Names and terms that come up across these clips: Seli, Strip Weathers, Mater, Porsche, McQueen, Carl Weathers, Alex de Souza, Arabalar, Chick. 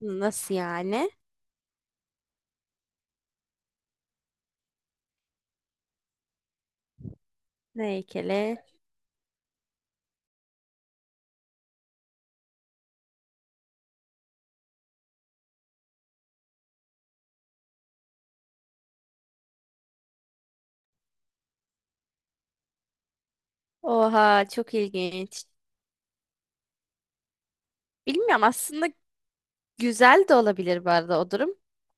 Nasıl yani? Ne heykeli? Oha, çok ilginç. Bilmiyorum aslında, güzel de olabilir bu arada o durum.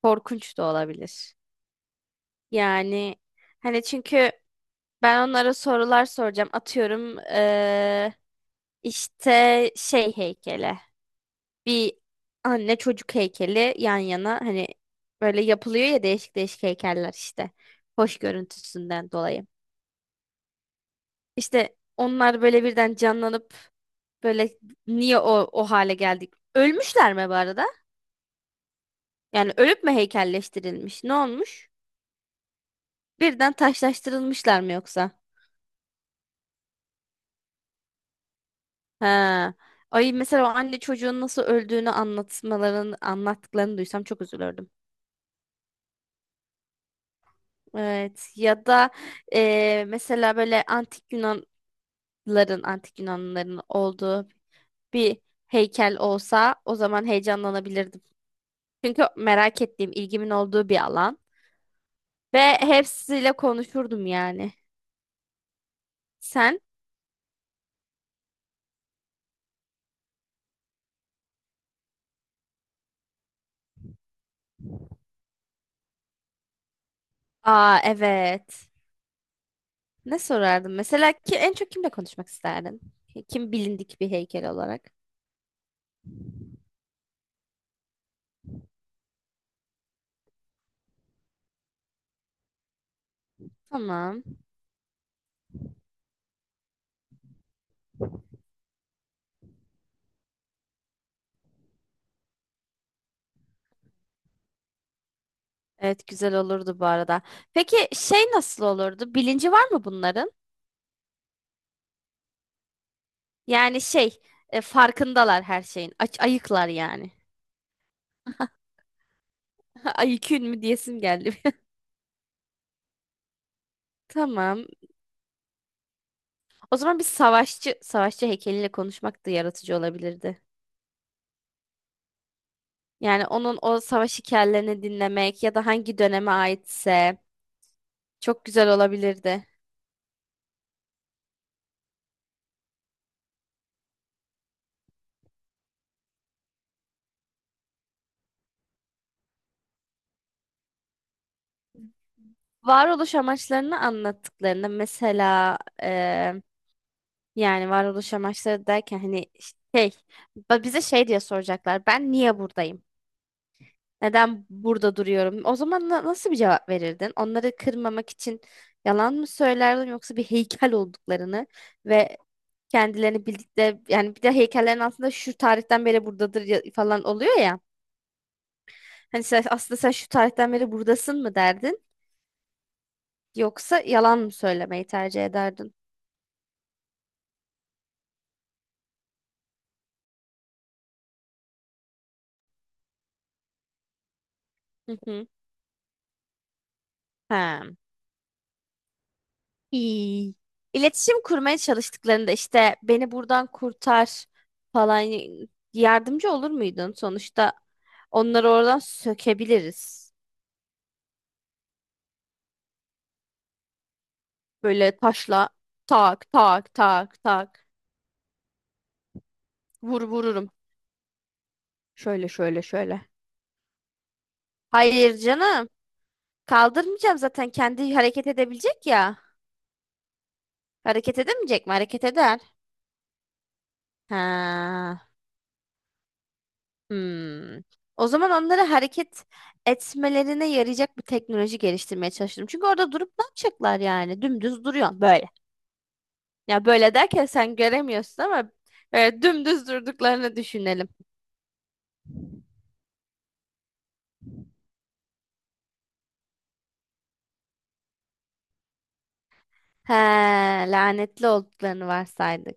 Korkunç da olabilir. Yani hani çünkü ben onlara sorular soracağım. Atıyorum işte heykeli. Bir anne çocuk heykeli yan yana, hani böyle yapılıyor ya, değişik değişik heykeller işte. Hoş görüntüsünden dolayı. İşte onlar böyle birden canlanıp, böyle niye o hale geldik? Ölmüşler mi bu arada? Yani ölüp mü heykelleştirilmiş? Ne olmuş? Birden taşlaştırılmışlar mı yoksa? Ha. Ay, mesela o anne çocuğun nasıl öldüğünü anlattıklarını duysam çok üzülürdüm. Evet, ya da mesela böyle antik Yunanlıların olduğu bir heykel olsa, o zaman heyecanlanabilirdim. Çünkü merak ettiğim, ilgimin olduğu bir alan ve hepsiyle konuşurdum yani. Sen? Aa, evet. Ne sorardım? Mesela ki en çok kimle konuşmak isterdin? Kim, bilindik bir heykel olarak? Tamam. Evet, güzel olurdu bu arada. Peki şey nasıl olurdu? Bilinci var mı bunların? Yani farkındalar her şeyin. Aç, ayıklar yani. Ayıkün mü diyesim geldi. Tamam. O zaman bir savaşçı heykeliyle konuşmak da yaratıcı olabilirdi. Yani onun o savaş hikayelerini dinlemek ya da hangi döneme aitse, çok güzel olabilirdi. Varoluş amaçlarını anlattıklarında mesela, yani varoluş amaçları derken, hani şey, bize şey diye soracaklar, ben niye buradayım? Neden burada duruyorum? O zaman nasıl bir cevap verirdin? Onları kırmamak için yalan mı söylerdin, yoksa bir heykel olduklarını ve kendilerini bildikleri, yani bir de heykellerin altında şu tarihten beri buradadır falan oluyor ya. Hani sen, aslında sen şu tarihten beri buradasın mı derdin, yoksa yalan mı söylemeyi tercih ederdin? Hı hı. Ha. İyi. İletişim kurmaya çalıştıklarında, işte beni buradan kurtar falan, yardımcı olur muydun? Sonuçta onları oradan sökebiliriz. Böyle taşla tak tak tak tak vur vururum. Şöyle şöyle şöyle. Hayır canım. Kaldırmayacağım, zaten kendi hareket edebilecek ya. Hareket edemeyecek mi? Hareket eder. Ha. Hmm. O zaman onlara hareket etmelerine yarayacak bir teknoloji geliştirmeye çalıştım. Çünkü orada durup ne yapacaklar yani? Dümdüz duruyor böyle. Ya, böyle derken sen göremiyorsun ama böyle dümdüz durduklarını düşünelim. He, lanetli olduklarını varsaydık.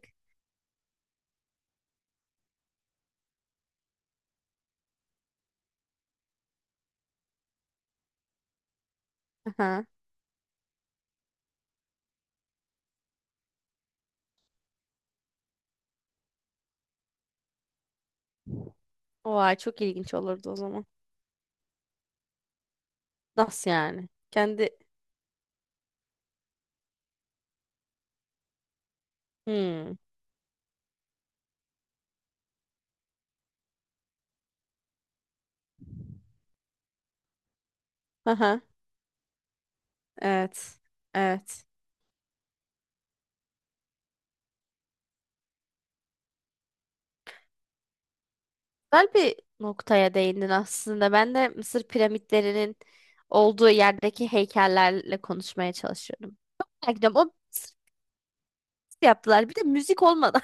Aha. Oha, çok ilginç olurdu o zaman. Nasıl yani? Kendi... Hmm. Aha. Evet. Evet. Güzel bir noktaya değindin aslında. Ben de Mısır piramitlerinin olduğu yerdeki heykellerle konuşmaya çalışıyorum. Merak ediyorum, o Mısır nasıl yaptılar? Bir de müzik olmadan,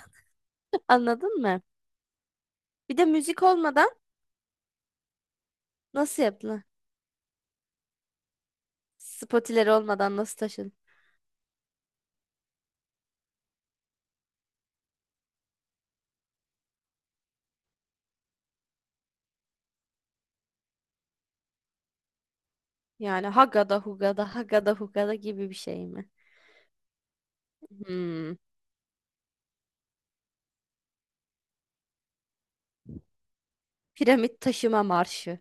anladın mı? Bir de müzik olmadan nasıl yaptılar? Spotileri olmadan nasıl taşın? Yani hagada hugada hagada hugada gibi bir şey mi? Hmm. Piramit taşıma marşı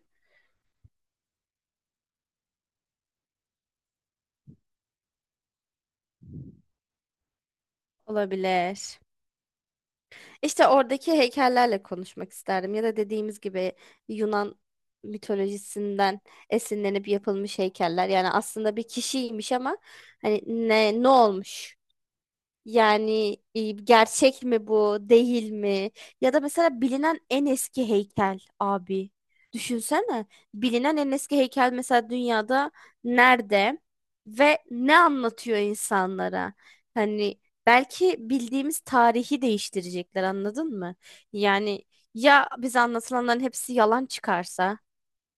olabilir. İşte oradaki heykellerle konuşmak isterdim, ya da dediğimiz gibi Yunan mitolojisinden esinlenip yapılmış heykeller. Yani aslında bir kişiymiş ama hani ne olmuş? Yani gerçek mi bu, değil mi? Ya da mesela bilinen en eski heykel abi. Düşünsene. Bilinen en eski heykel mesela, dünyada nerede ve ne anlatıyor insanlara? Hani belki bildiğimiz tarihi değiştirecekler, anladın mı? Yani ya bize anlatılanların hepsi yalan çıkarsa,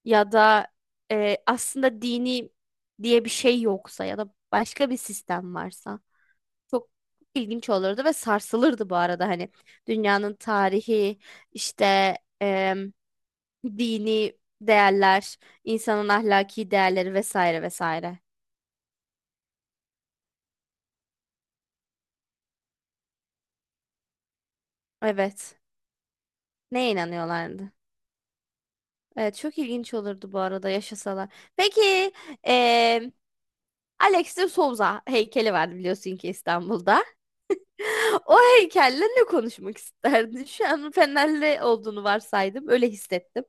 ya da aslında dini diye bir şey yoksa, ya da başka bir sistem varsa, çok ilginç olurdu ve sarsılırdı bu arada, hani dünyanın tarihi, işte em, dini değerler, insanın ahlaki değerleri, vesaire vesaire. Evet. Neye inanıyorlardı? Evet, çok ilginç olurdu bu arada yaşasalar. Peki, em, Alex de Souza heykeli vardı, biliyorsun ki, İstanbul'da. O heykelle ne konuşmak isterdin? Şu an Fenerli olduğunu varsaydım. Öyle hissettim.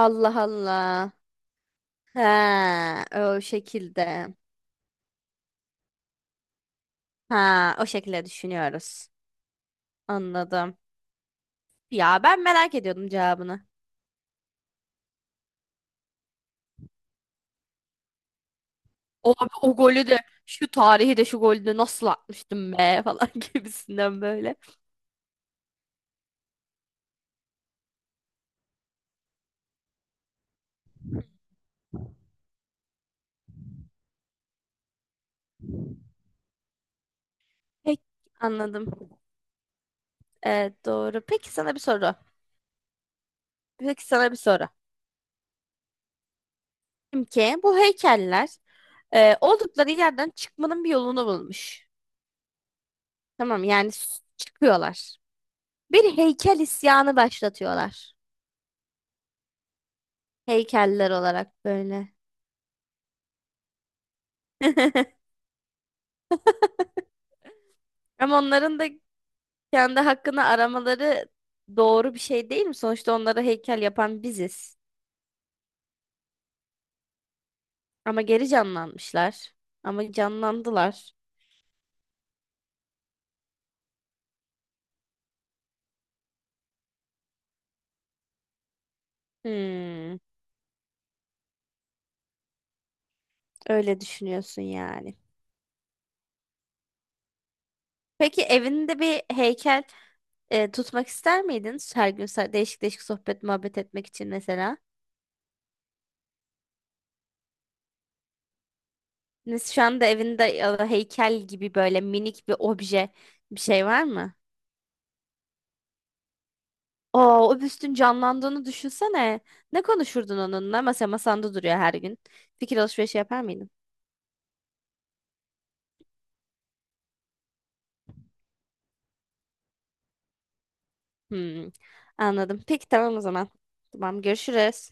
Allah Allah. Ha, o şekilde. Ha, o şekilde düşünüyoruz. Anladım. Ya ben merak ediyordum cevabını. O, o golü de şu tarihi de şu golü de nasıl atmıştım be falan gibisinden böyle. Peki, anladım. Evet doğru. Peki sana bir soru. Peki sana bir soru. Ki bu heykeller oldukları yerden çıkmanın bir yolunu bulmuş. Tamam yani, çıkıyorlar. Bir heykel isyanı başlatıyorlar. Heykeller olarak böyle. Ama onların da kendi hakkını aramaları doğru bir şey değil mi? Sonuçta onlara heykel yapan biziz. Ama geri canlanmışlar. Ama canlandılar. Hmm, öyle düşünüyorsun yani. Peki evinde bir heykel tutmak ister miydin? Her gün, değişik değişik sohbet muhabbet etmek için mesela. Şu anda evinde, ya da heykel gibi böyle, minik bir obje bir şey var mı? Oo, o büstün canlandığını düşünsene. Ne konuşurdun onunla? Mesela masanda duruyor her gün. Fikir alışverişi yapar mıydın? Hmm, anladım. Peki tamam o zaman. Tamam, görüşürüz.